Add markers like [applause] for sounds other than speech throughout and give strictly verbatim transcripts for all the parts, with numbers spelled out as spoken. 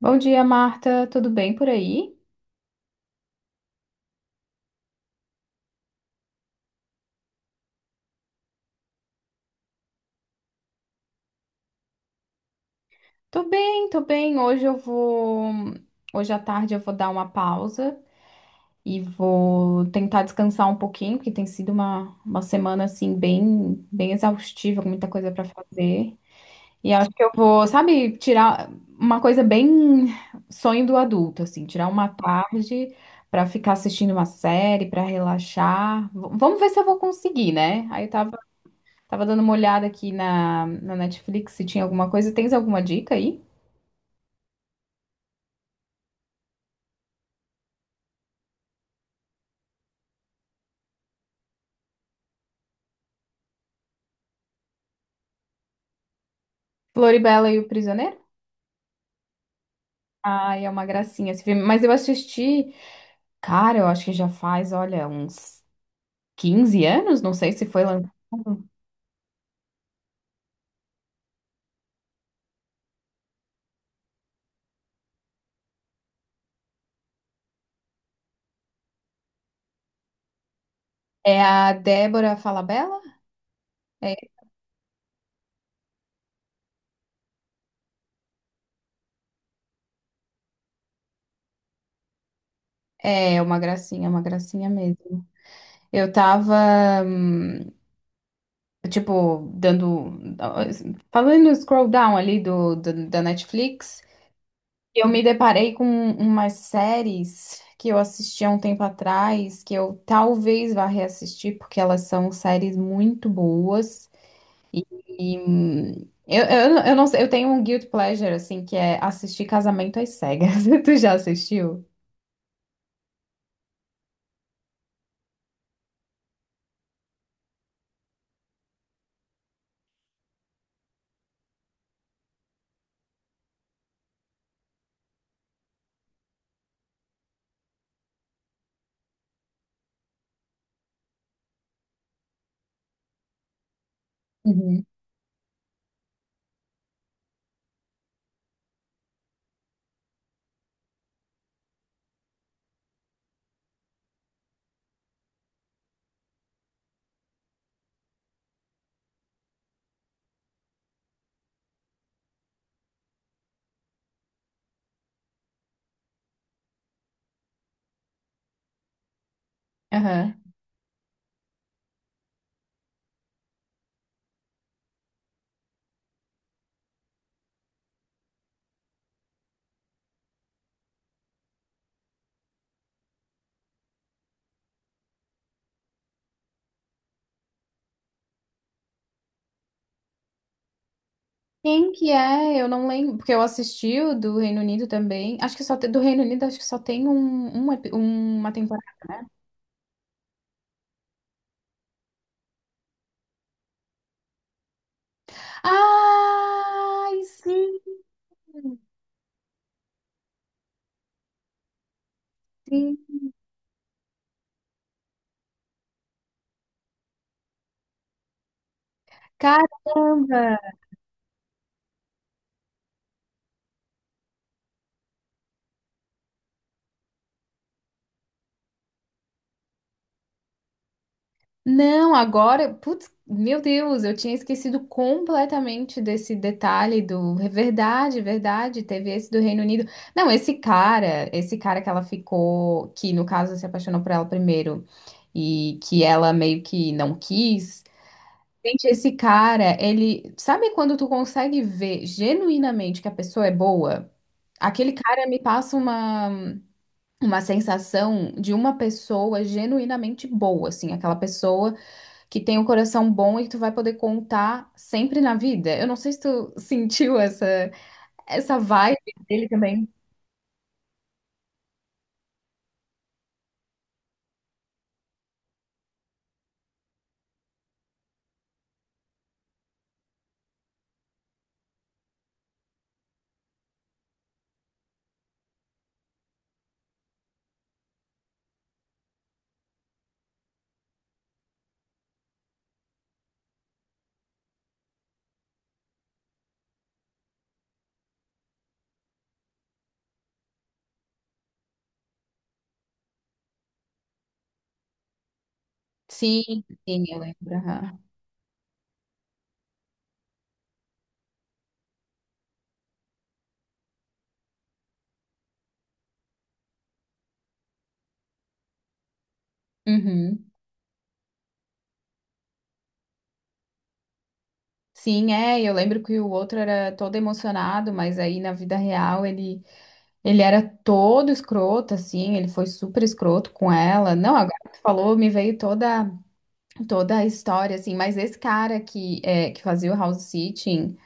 Bom dia, Marta. Tudo bem por aí? Tô bem, tô bem. Hoje eu vou. Hoje à tarde eu vou dar uma pausa e vou tentar descansar um pouquinho, porque tem sido uma, uma semana assim bem, bem exaustiva, com muita coisa pra fazer. E acho que eu vou, sabe, tirar uma coisa bem sonho do adulto, assim, tirar uma tarde pra ficar assistindo uma série, pra relaxar. V- vamos ver se eu vou conseguir, né? Aí eu tava Tava dando uma olhada aqui na, na Netflix se tinha alguma coisa. Tens alguma dica aí? Floribela e o Prisioneiro? Ai, é uma gracinha esse filme. Mas eu assisti, cara, eu acho que já faz, olha, uns quinze anos, não sei se foi lançado. É a Débora Falabella? É, é uma gracinha, uma gracinha mesmo. Eu tava, hum, tipo, dando. Falando no scroll down ali do, do- da Netflix. Eu me deparei com umas séries que eu assisti há um tempo atrás, que eu talvez vá reassistir, porque elas são séries muito boas. E hum, eu, eu, eu não sei, eu tenho um guilt pleasure, assim, que é assistir Casamento às Cegas. [laughs] Tu já assistiu? Uhum. Aham. Quem que é? Eu não lembro, porque eu assisti o do Reino Unido também. Acho que só tem, do Reino Unido, acho que só tem um, um epi- uma temporada, né? Ai, sim, sim. Caramba! Não, agora, putz, meu Deus, eu tinha esquecido completamente desse detalhe do, é verdade, é verdade, teve esse do Reino Unido. Não, esse cara, esse cara que ela ficou, que no caso se apaixonou por ela primeiro e que ela meio que não quis. Gente, esse cara, ele, sabe quando tu consegue ver genuinamente que a pessoa é boa? Aquele cara me passa uma uma sensação de uma pessoa genuinamente boa, assim, aquela pessoa que tem um coração bom e que tu vai poder contar sempre na vida. Eu não sei se tu [laughs] sentiu essa, essa vibe dele também. Sim, sim, eu lembro. Aham. Uhum. Sim, é, eu lembro que o outro era todo emocionado, mas aí na vida real ele, ele era todo escroto, assim, ele foi super escroto com ela. Não, agora que tu falou, me veio toda, toda a história, assim, mas esse cara que, é, que fazia o house sitting.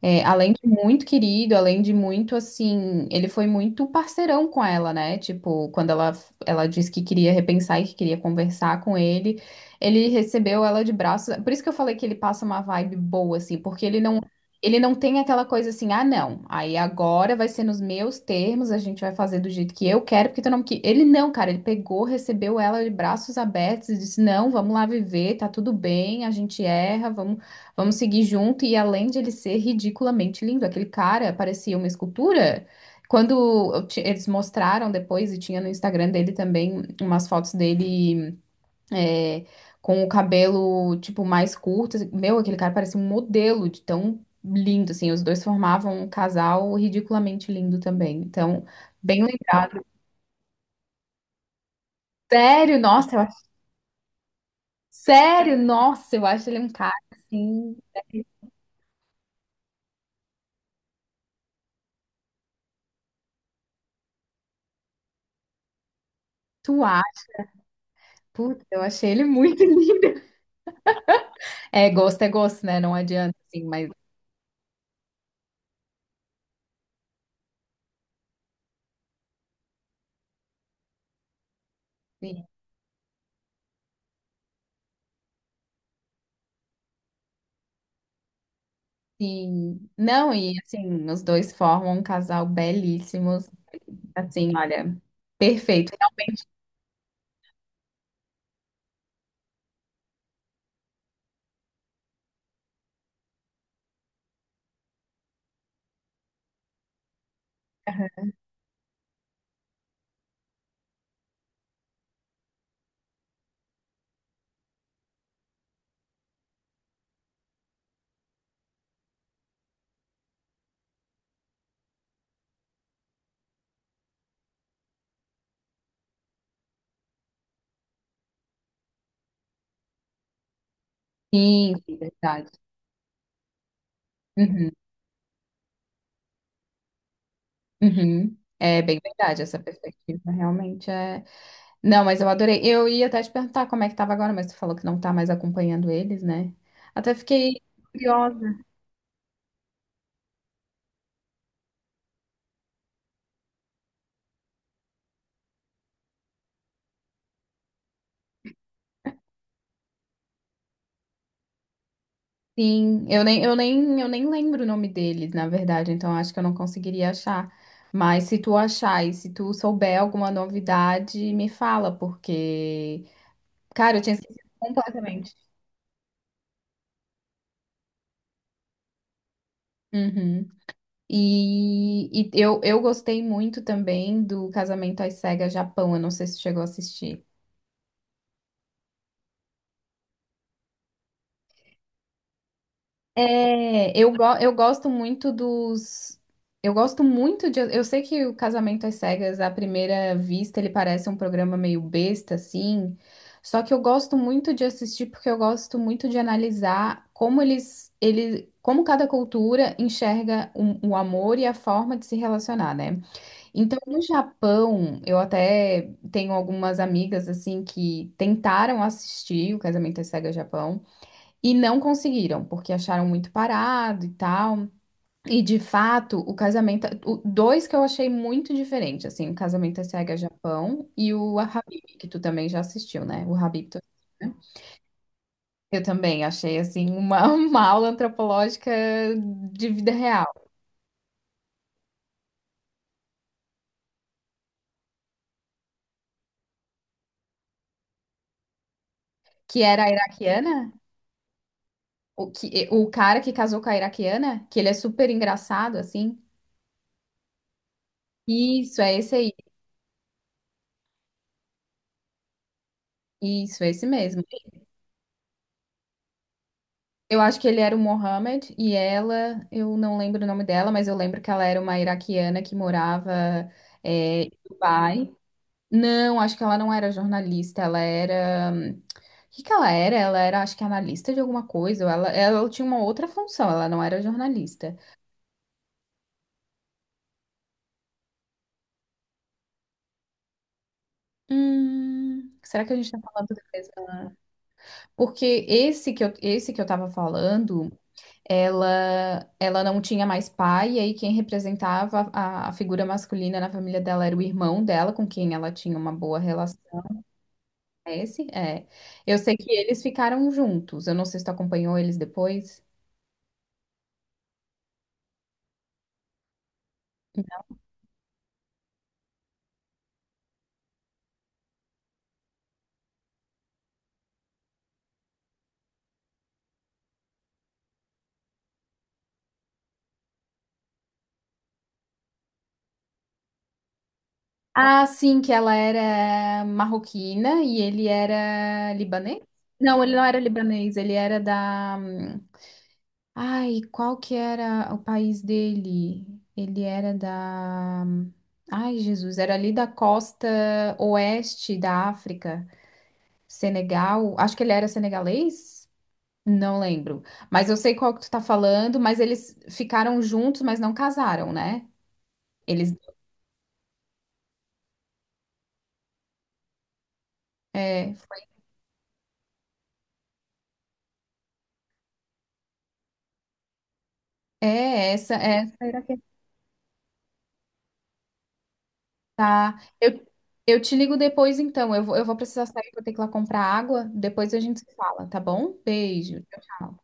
É, além de muito querido, além de muito assim, ele foi muito parceirão com ela, né? Tipo, quando ela, ela disse que queria repensar e que queria conversar com ele, ele recebeu ela de braços. Por isso que eu falei que ele passa uma vibe boa, assim, porque ele não, ele não tem aquela coisa assim, ah, não, aí agora vai ser nos meus termos, a gente vai fazer do jeito que eu quero, porque tu não que Ele não, cara, ele pegou, recebeu ela de braços abertos e disse, não, vamos lá viver, tá tudo bem, a gente erra, vamos. Vamos seguir junto. E além de ele ser ridiculamente lindo, aquele cara parecia uma escultura. Quando eu ti- eles mostraram depois, e tinha no Instagram dele também umas fotos dele é, com o cabelo, tipo, mais curto. assim, Meu, aquele cara parecia um modelo de tão lindo, assim. Os dois formavam um casal ridiculamente lindo também. Então, bem lembrado. Sério, nossa, eu acho, sério, nossa, eu acho ele um cara, assim, tu acha? Putz, eu achei ele muito [laughs] lindo. É, gosto é gosto, né? Não adianta, assim, mas sim, sim. Não, e assim, os dois formam um casal belíssimo, assim, olha, perfeito. Sim, sim, verdade. Uhum, uhum. É bem verdade essa perspectiva, realmente é. Não, mas eu adorei. Eu ia até te perguntar como é que tava agora, mas tu falou que não tá mais acompanhando eles, né? Até fiquei curiosa. Sim, eu nem, eu nem, eu nem lembro o nome deles, na verdade, então acho que eu não conseguiria achar. Mas se tu achar e se tu souber alguma novidade, me fala, porque, cara, eu tinha esquecido completamente. Uhum. E, e eu, eu gostei muito também do Casamento às Cegas Japão, eu não sei se tu chegou a assistir. É, eu, go- eu gosto muito dos. Eu gosto muito de. Eu sei que o Casamento às Cegas, à primeira vista, ele parece um programa meio besta, assim. Só que eu gosto muito de assistir porque eu gosto muito de analisar como eles, eles, como cada cultura enxerga o, o amor e a forma de se relacionar, né? Então, no Japão, eu até tenho algumas amigas assim que tentaram assistir o Casamento às Cegas Japão. E não conseguiram, porque acharam muito parado e tal. E de fato, o casamento. O, dois que eu achei muito diferente, assim, o Casamento às Cegas Japão e o Habib, que tu também já assistiu, né? O Habib, tu assistiu, né? Eu também achei, assim, uma, [laughs] uma aula antropológica de vida real. Que era a iraquiana, o, que, o cara que casou com a iraquiana, que ele é super engraçado, assim. Isso, é esse aí. Isso, é esse mesmo. Eu acho que ele era o Mohammed e ela, eu não lembro o nome dela, mas eu lembro que ela era uma iraquiana que morava, é, em Dubai. Não, acho que ela não era jornalista, ela era. O que que ela era? Ela era, acho que analista de alguma coisa, ou ela, ela tinha uma outra função, ela não era jornalista. Hum, será que a gente tá falando da mesma? Porque esse que eu, esse que eu tava falando. Ela, ela não tinha mais pai, e aí quem representava a, a figura masculina na família dela era o irmão dela, com quem ela tinha uma boa relação. é Esse, é. Eu sei que eles ficaram juntos. Eu não sei se tu acompanhou eles depois. Ah, sim, que ela era marroquina e ele era libanês? Não, ele não era libanês, ele era da Ai, qual que era o país dele? Ele era da. Ai, Jesus, era ali da costa oeste da África, Senegal. Acho que ele era senegalês? Não lembro. Mas eu sei qual que tu tá falando, mas eles ficaram juntos, mas não casaram, né? Eles. É, é essa, essa era a questão. Tá. Eu, eu te ligo depois, então. Eu vou, eu vou precisar sair, vou ter que ir lá comprar água. Depois a gente se fala, tá bom? Beijo. Tchau, tchau.